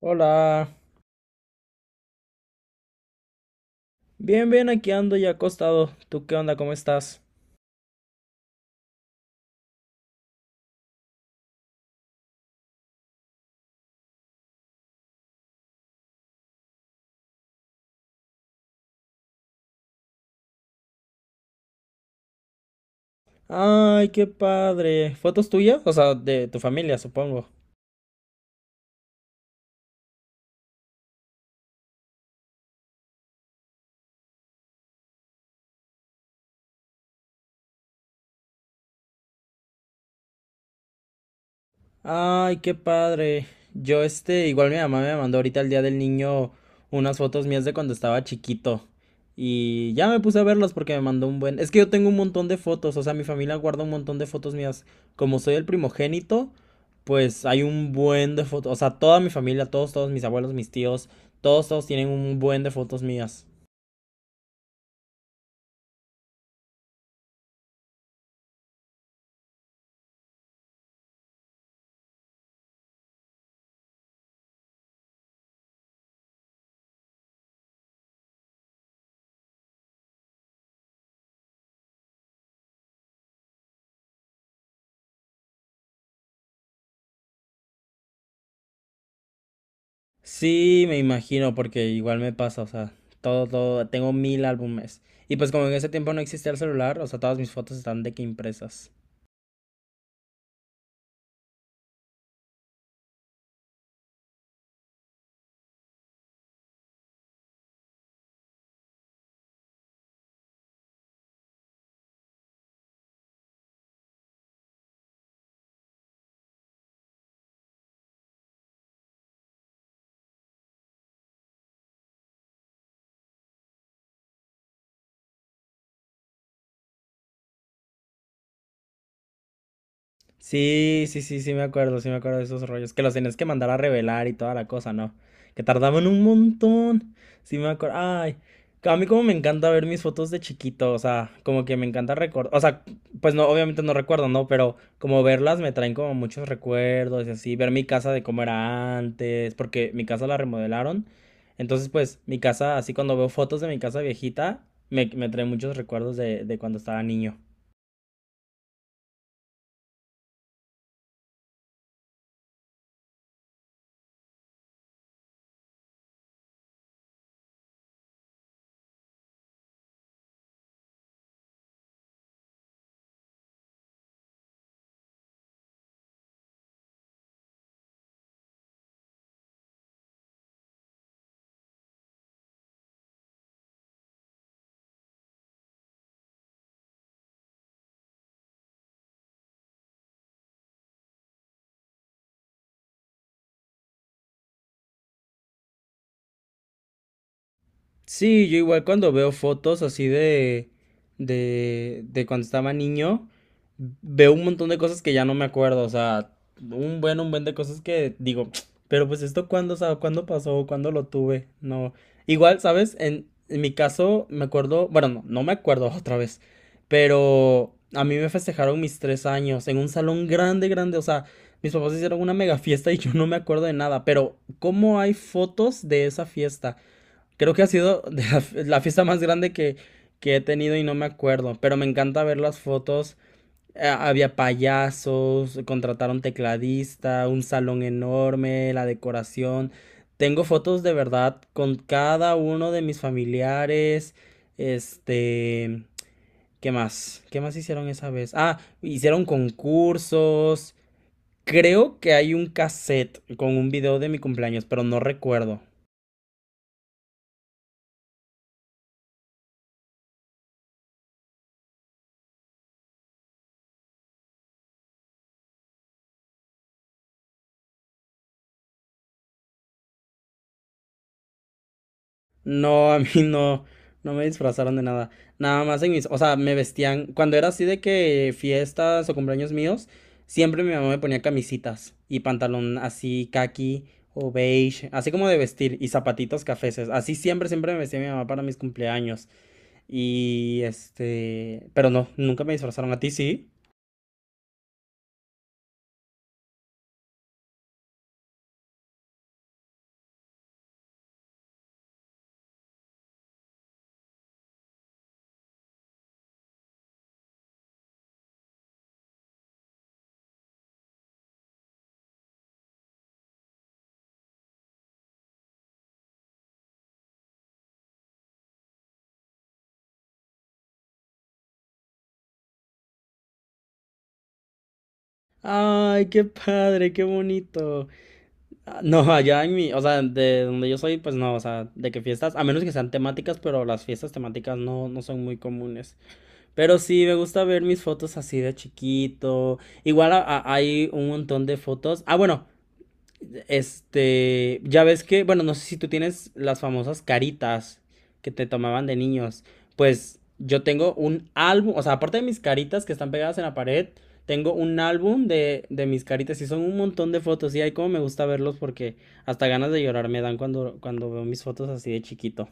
Hola. Bien, bien, aquí ando ya acostado. ¿Tú qué onda? ¿Cómo estás? Ay, qué padre. ¿Fotos tuyas? O sea, de tu familia, supongo. Ay, qué padre. Yo, este, igual mi mamá me mandó ahorita el día del niño unas fotos mías de cuando estaba chiquito. Y ya me puse a verlas porque me mandó un buen. Es que yo tengo un montón de fotos, o sea, mi familia guarda un montón de fotos mías. Como soy el primogénito, pues hay un buen de fotos. O sea, toda mi familia, todos, todos mis abuelos, mis tíos, todos, todos tienen un buen de fotos mías. Sí, me imagino, porque igual me pasa, o sea, todo, todo, tengo mil álbumes. Y pues como en ese tiempo no existía el celular, o sea, todas mis fotos están de que impresas. Sí, sí, sí, sí me acuerdo de esos rollos. Que los tenías que mandar a revelar y toda la cosa, ¿no? Que tardaban un montón. Sí me acuerdo. Ay, a mí como me encanta ver mis fotos de chiquito, o sea, como que me encanta recordar, o sea, pues no, obviamente no recuerdo, ¿no? Pero como verlas me traen como muchos recuerdos y así, ver mi casa de cómo era antes, porque mi casa la remodelaron. Entonces, pues, mi casa, así cuando veo fotos de mi casa viejita, me trae muchos recuerdos de cuando estaba niño. Sí, yo igual cuando veo fotos así de cuando estaba niño, veo un montón de cosas que ya no me acuerdo, o sea, un buen de cosas que digo, pero pues esto cuándo, o sea, cuándo pasó, cuándo lo tuve, no. Igual, ¿sabes? En mi caso me acuerdo, bueno, no, no me acuerdo otra vez, pero a mí me festejaron mis tres años en un salón grande, grande, o sea, mis papás hicieron una mega fiesta y yo no me acuerdo de nada, pero ¿cómo hay fotos de esa fiesta? Creo que ha sido de la fiesta más grande que he tenido y no me acuerdo, pero me encanta ver las fotos. Había payasos, contrataron tecladista, un salón enorme, la decoración. Tengo fotos de verdad con cada uno de mis familiares. Este, ¿qué más? ¿Qué más hicieron esa vez? Ah, hicieron concursos. Creo que hay un cassette con un video de mi cumpleaños, pero no recuerdo. No, a mí no, No me disfrazaron de nada. Nada más en mis, o sea, me vestían, cuando era así de que fiestas o cumpleaños míos, siempre mi mamá me ponía camisitas y pantalón así caqui o beige, así como de vestir y zapatitos cafeses. Así siempre, siempre me vestía mi mamá para mis cumpleaños. Y este, pero no, nunca me disfrazaron a ti, ¿sí? Ay, qué padre, qué bonito. Ah, no, allá en mi, o sea, de donde yo soy, pues no, o sea, de que fiestas, a menos que sean temáticas, pero las fiestas temáticas no, no son muy comunes. Pero sí, me gusta ver mis fotos así de chiquito. Igual hay un montón de fotos. Ah, bueno, este, ya ves que, bueno, no sé si tú tienes las famosas caritas que te tomaban de niños. Pues yo tengo un álbum, o sea, aparte de mis caritas que están pegadas en la pared, tengo un álbum de mis caritas y son un montón de fotos. Y ahí como me gusta verlos porque hasta ganas de llorar me dan cuando veo mis fotos así de chiquito.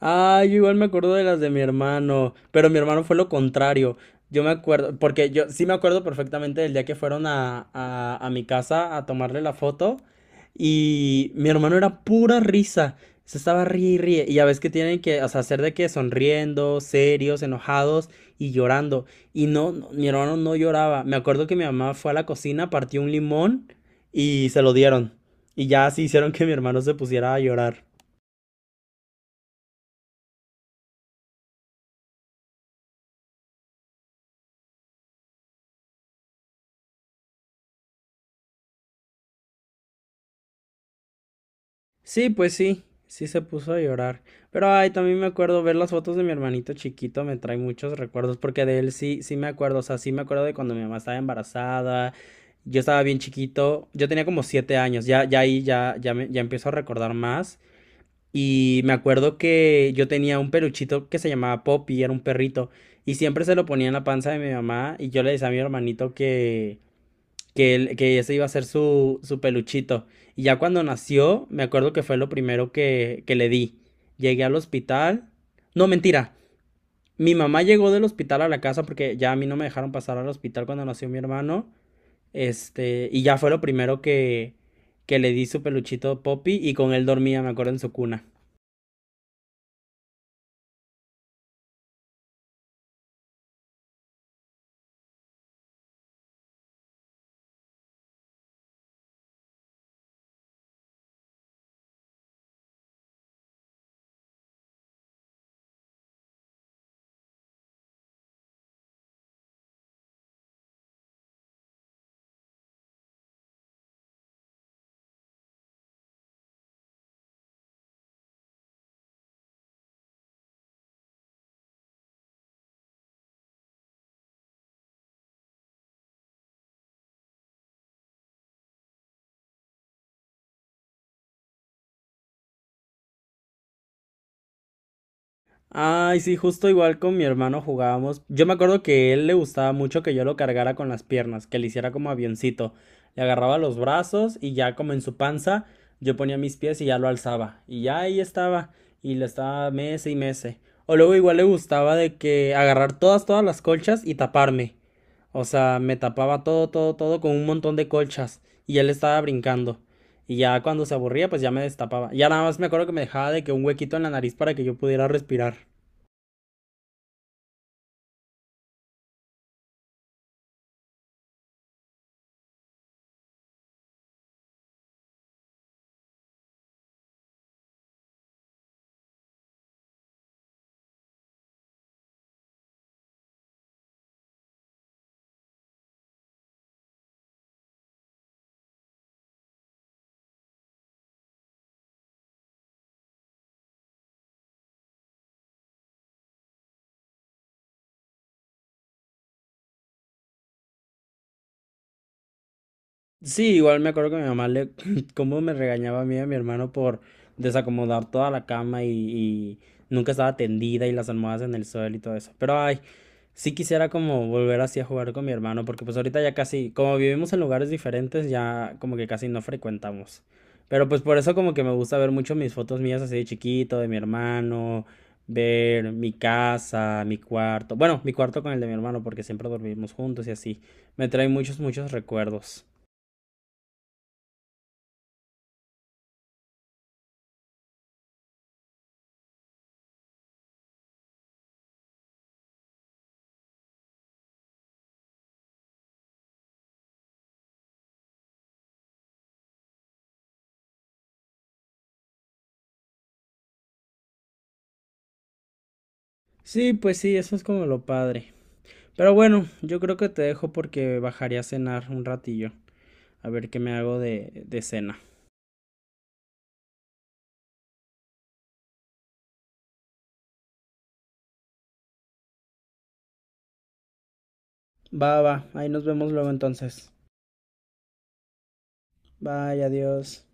Ah, yo igual me acuerdo de las de mi hermano, pero mi hermano fue lo contrario. Yo me acuerdo, porque yo sí me acuerdo perfectamente del día que fueron a mi casa a tomarle la foto y mi hermano era pura risa. Se estaba ríe y ríe. Y ya ves que tienen que, o sea, hacer de que sonriendo, serios, enojados y llorando. Y no, no, mi hermano no lloraba. Me acuerdo que mi mamá fue a la cocina, partió un limón y se lo dieron. Y ya así hicieron que mi hermano se pusiera a llorar. Sí, pues sí, sí se puso a llorar. Pero ay, también me acuerdo ver las fotos de mi hermanito chiquito, me trae muchos recuerdos, porque de él sí, sí me acuerdo, o sea, sí me acuerdo de cuando mi mamá estaba embarazada, yo estaba bien chiquito, yo tenía como 7 años, ya, ya ahí ya, ya me, ya empiezo a recordar más. Y me acuerdo que yo tenía un peluchito que se llamaba Poppy, era un perrito, y siempre se lo ponía en la panza de mi mamá, y yo le decía a mi hermanito que que ese iba a ser su peluchito. Y ya cuando nació, me acuerdo que fue lo primero que le di. Llegué al hospital. No, mentira. Mi mamá llegó del hospital a la casa porque ya a mí no me dejaron pasar al hospital cuando nació mi hermano. Este, y ya fue lo primero que le di su peluchito Poppy y con él dormía, me acuerdo, en su cuna. Ay, sí, justo igual con mi hermano jugábamos. Yo me acuerdo que él le gustaba mucho que yo lo cargara con las piernas, que le hiciera como avioncito. Le agarraba los brazos y ya como en su panza, yo ponía mis pies y ya lo alzaba. Y ya ahí estaba. Y le estaba mece y mece. O luego igual le gustaba de que agarrar todas las colchas y taparme. O sea, me tapaba todo, todo, todo con un montón de colchas. Y él estaba brincando. Y ya cuando se aburría, pues ya me destapaba. Ya nada más me acuerdo que me dejaba de que un huequito en la nariz para que yo pudiera respirar. Sí, igual me acuerdo que mi mamá le, cómo me regañaba a mí y a mi hermano por desacomodar toda la cama y nunca estaba tendida y las almohadas en el suelo y todo eso. Pero ay, sí quisiera como volver así a jugar con mi hermano, porque pues ahorita ya casi, como vivimos en lugares diferentes, ya como que casi no frecuentamos. Pero pues por eso como que me gusta ver mucho mis fotos mías así de chiquito, de mi hermano, ver mi casa, mi cuarto. Bueno, mi cuarto con el de mi hermano, porque siempre dormimos juntos y así. Me trae muchos, muchos recuerdos. Sí, pues sí, eso es como lo padre. Pero bueno, yo creo que te dejo porque bajaré a cenar un ratillo. A ver qué me hago de cena. Va, va, ahí nos vemos luego entonces. Bye, adiós.